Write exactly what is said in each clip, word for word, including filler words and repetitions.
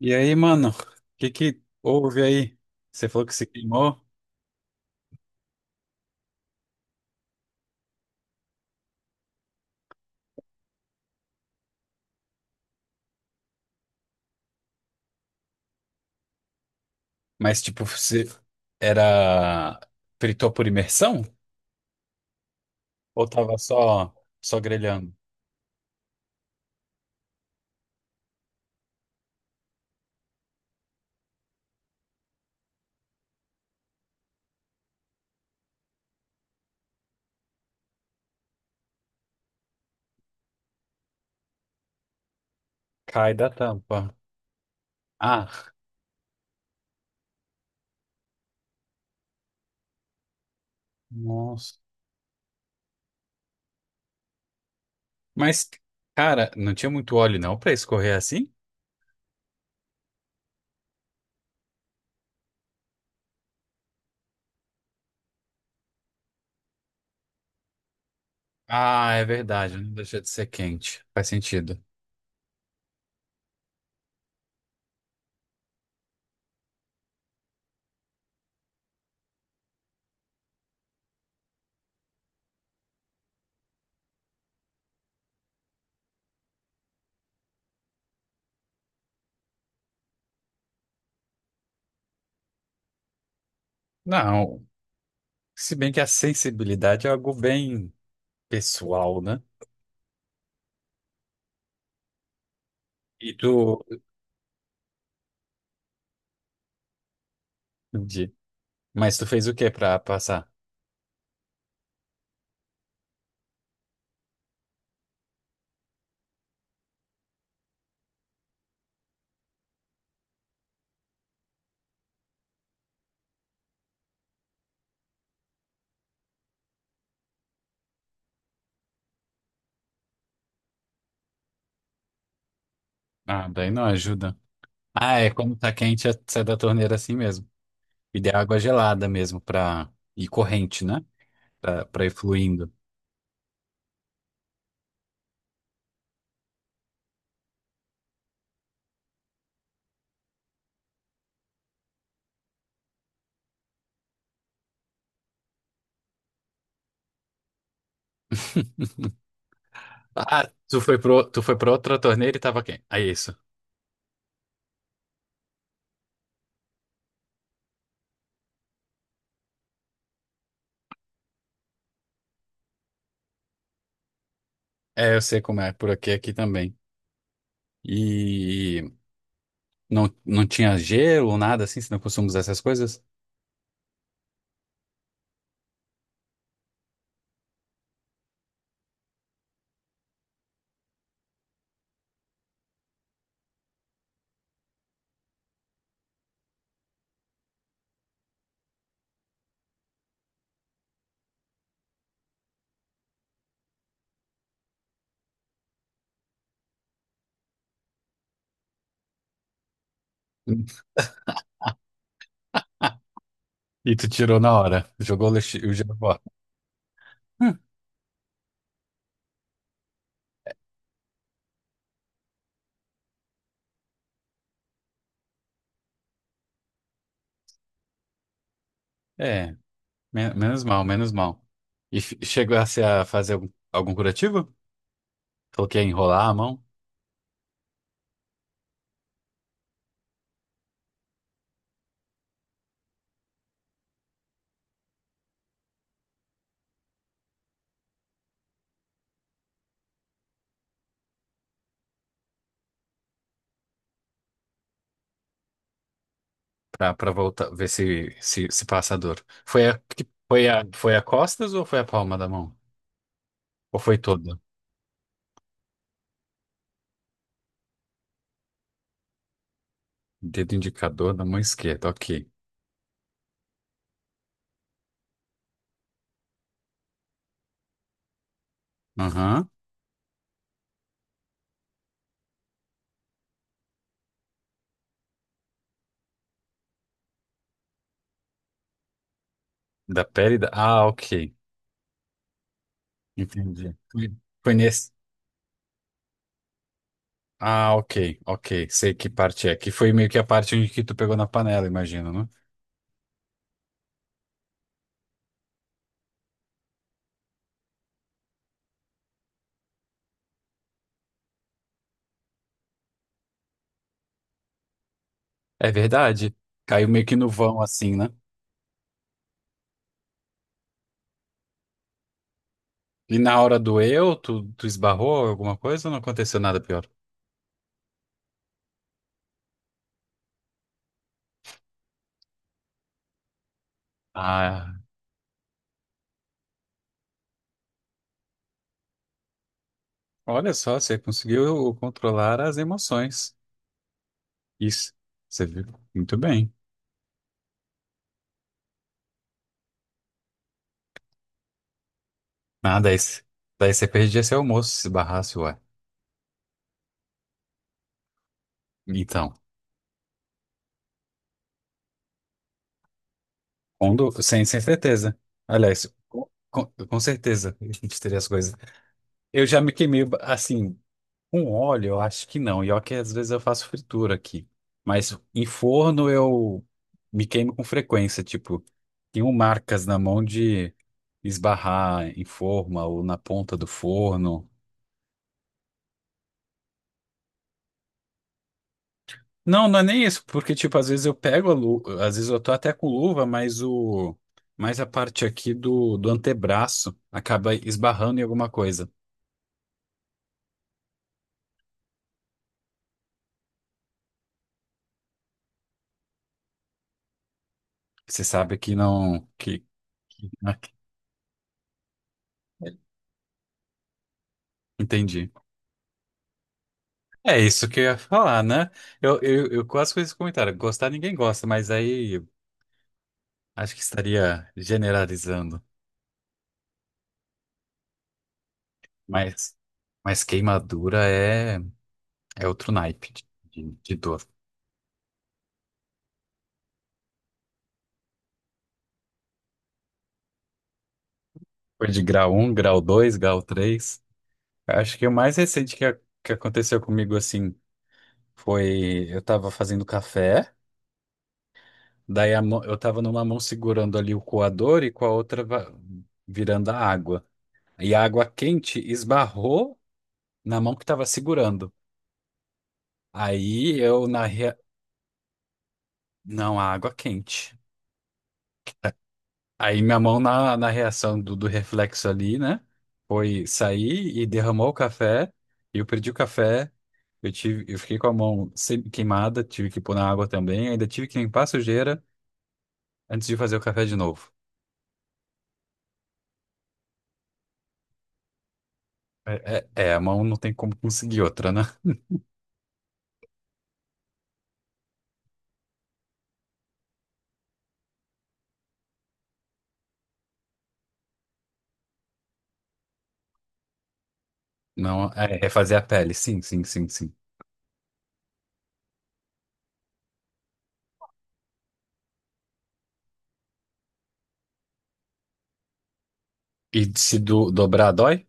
E aí, mano, o que que houve aí? Você falou que se queimou, mas tipo, você era fritou por imersão? Ou tava só só grelhando? Cai da tampa. Ah, nossa. Mas, cara, não tinha muito óleo não pra escorrer assim? Ah, é verdade, não deixa de ser quente. Faz sentido. Não, se bem que a sensibilidade é algo bem pessoal, né? E tu, entendi. Mas tu fez o que pra passar? Ah, daí não ajuda. Ah, é quando tá quente, é- sai da torneira assim mesmo. E de água gelada mesmo pra ir corrente, né? Pra, pra ir fluindo. Ah, tu foi pro, tu foi pra outra torneira e tava quente. É isso. É, eu sei como é, por aqui, aqui também. E não, não tinha gelo, ou nada assim, você não costuma usar essas coisas? E tu tirou na hora, jogou o lixo- o gelo fora. Hum. É, men- menos mal, menos mal. E f- chegou a ser a fazer algum, algum curativo? Coloquei a enrolar a mão? Pra, pra voltar, ver se, se, se passa a dor. Foi a, que- foi a, foi a costas ou foi a palma da mão? Ou foi toda? Dedo indicador da mão esquerda, ok. Aham. Da pele da. Ah, ok. Entendi. Foi, foi nesse. Ah, ok, ok. Sei que parte é. Que foi meio que a parte onde que tu pegou na panela, imagino, né? É verdade. Caiu meio que no vão, assim, né? E na hora doeu, tu, tu esbarrou alguma coisa ou não aconteceu nada pior? Ah, olha só, você conseguiu controlar as emoções. Isso. Você viu? Muito bem. Ah, daí, c- daí você perdia seu almoço se barrasse, ué. Então, quando, sem, sem certeza. Aliás, com, com com certeza a gente teria as coisas. Eu já me queimei, assim, com óleo, eu acho que não. E ó que às vezes eu faço fritura aqui. Mas em forno eu me queimo com frequência. Tipo, tenho marcas na mão de esbarrar em forma ou na ponta do forno. Não, não é nem isso, porque, tipo, às vezes eu pego a luva, às vezes eu tô até com luva, mas o, mas a parte aqui do, do antebraço acaba esbarrando em alguma coisa. Você sabe que não, que, entendi. É isso que eu ia falar, né? Eu, eu, eu quase fiz esse comentário, gostar ninguém gosta, mas aí acho que estaria generalizando. Mas, mas queimadura é, é outro naipe de, de, de dor. Foi de grau um, grau dois, grau três. Acho que o mais recente que, a- que aconteceu comigo, assim, foi eu tava fazendo café, daí a mão- eu tava numa mão segurando ali o coador e com a outra va- virando a água. E a água quente esbarrou na mão que tava segurando. Aí eu na rea... Não, a água quente. Aí minha mão na, na reação do, do reflexo ali, né? Foi sair e derramou o café. E eu perdi o café. Eu tive, eu fiquei com a mão semi- queimada, tive que pôr na água também. Ainda tive que limpar a sujeira antes de fazer o café de novo. É, é- é, a mão não tem como conseguir outra, né? Não, é refazer a pele. Sim, sim, sim, sim. E se do- dobrar, dói?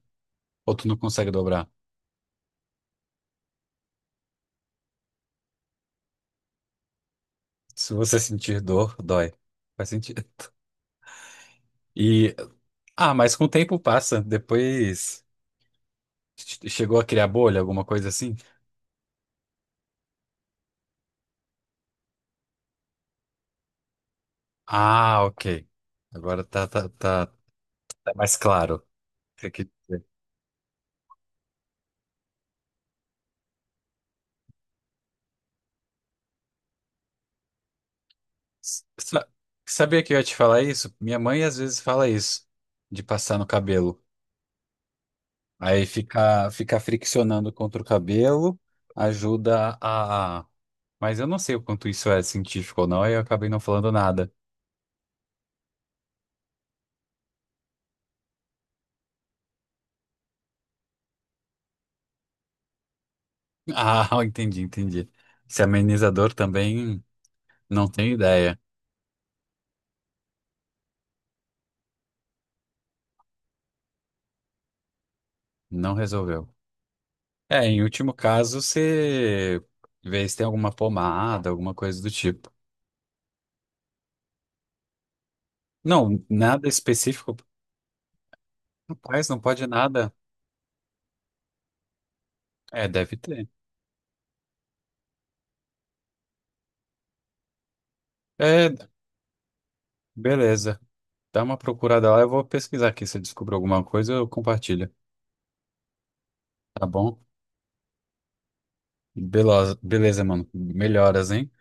Ou tu não consegue dobrar? Se você sentir dor, dói. Faz sentido. E, ah, mas com o tempo passa. Depois. Che- Chegou a criar bolha, alguma coisa assim? Ah, ok. Agora tá, tá, tá, tá mais claro. O que eu quis dizer. S- sa- Sabia que eu ia te falar isso? Minha mãe às vezes fala isso, de passar no cabelo. Aí fica, fica friccionando contra o cabelo, ajuda a. Mas eu não sei o quanto isso é científico ou não, aí eu acabei não falando nada. Ah, entendi, entendi. Esse amenizador também não tenho ideia. Não resolveu. É, em último caso, você vê se tem alguma pomada, alguma coisa do tipo. Não, nada específico. Rapaz, não pode nada. É, deve ter. É, beleza. Dá uma procurada lá, eu vou pesquisar aqui. Se eu descobrir alguma coisa, eu compartilho. Tá bom? Beleza, beleza, mano. Melhoras, hein?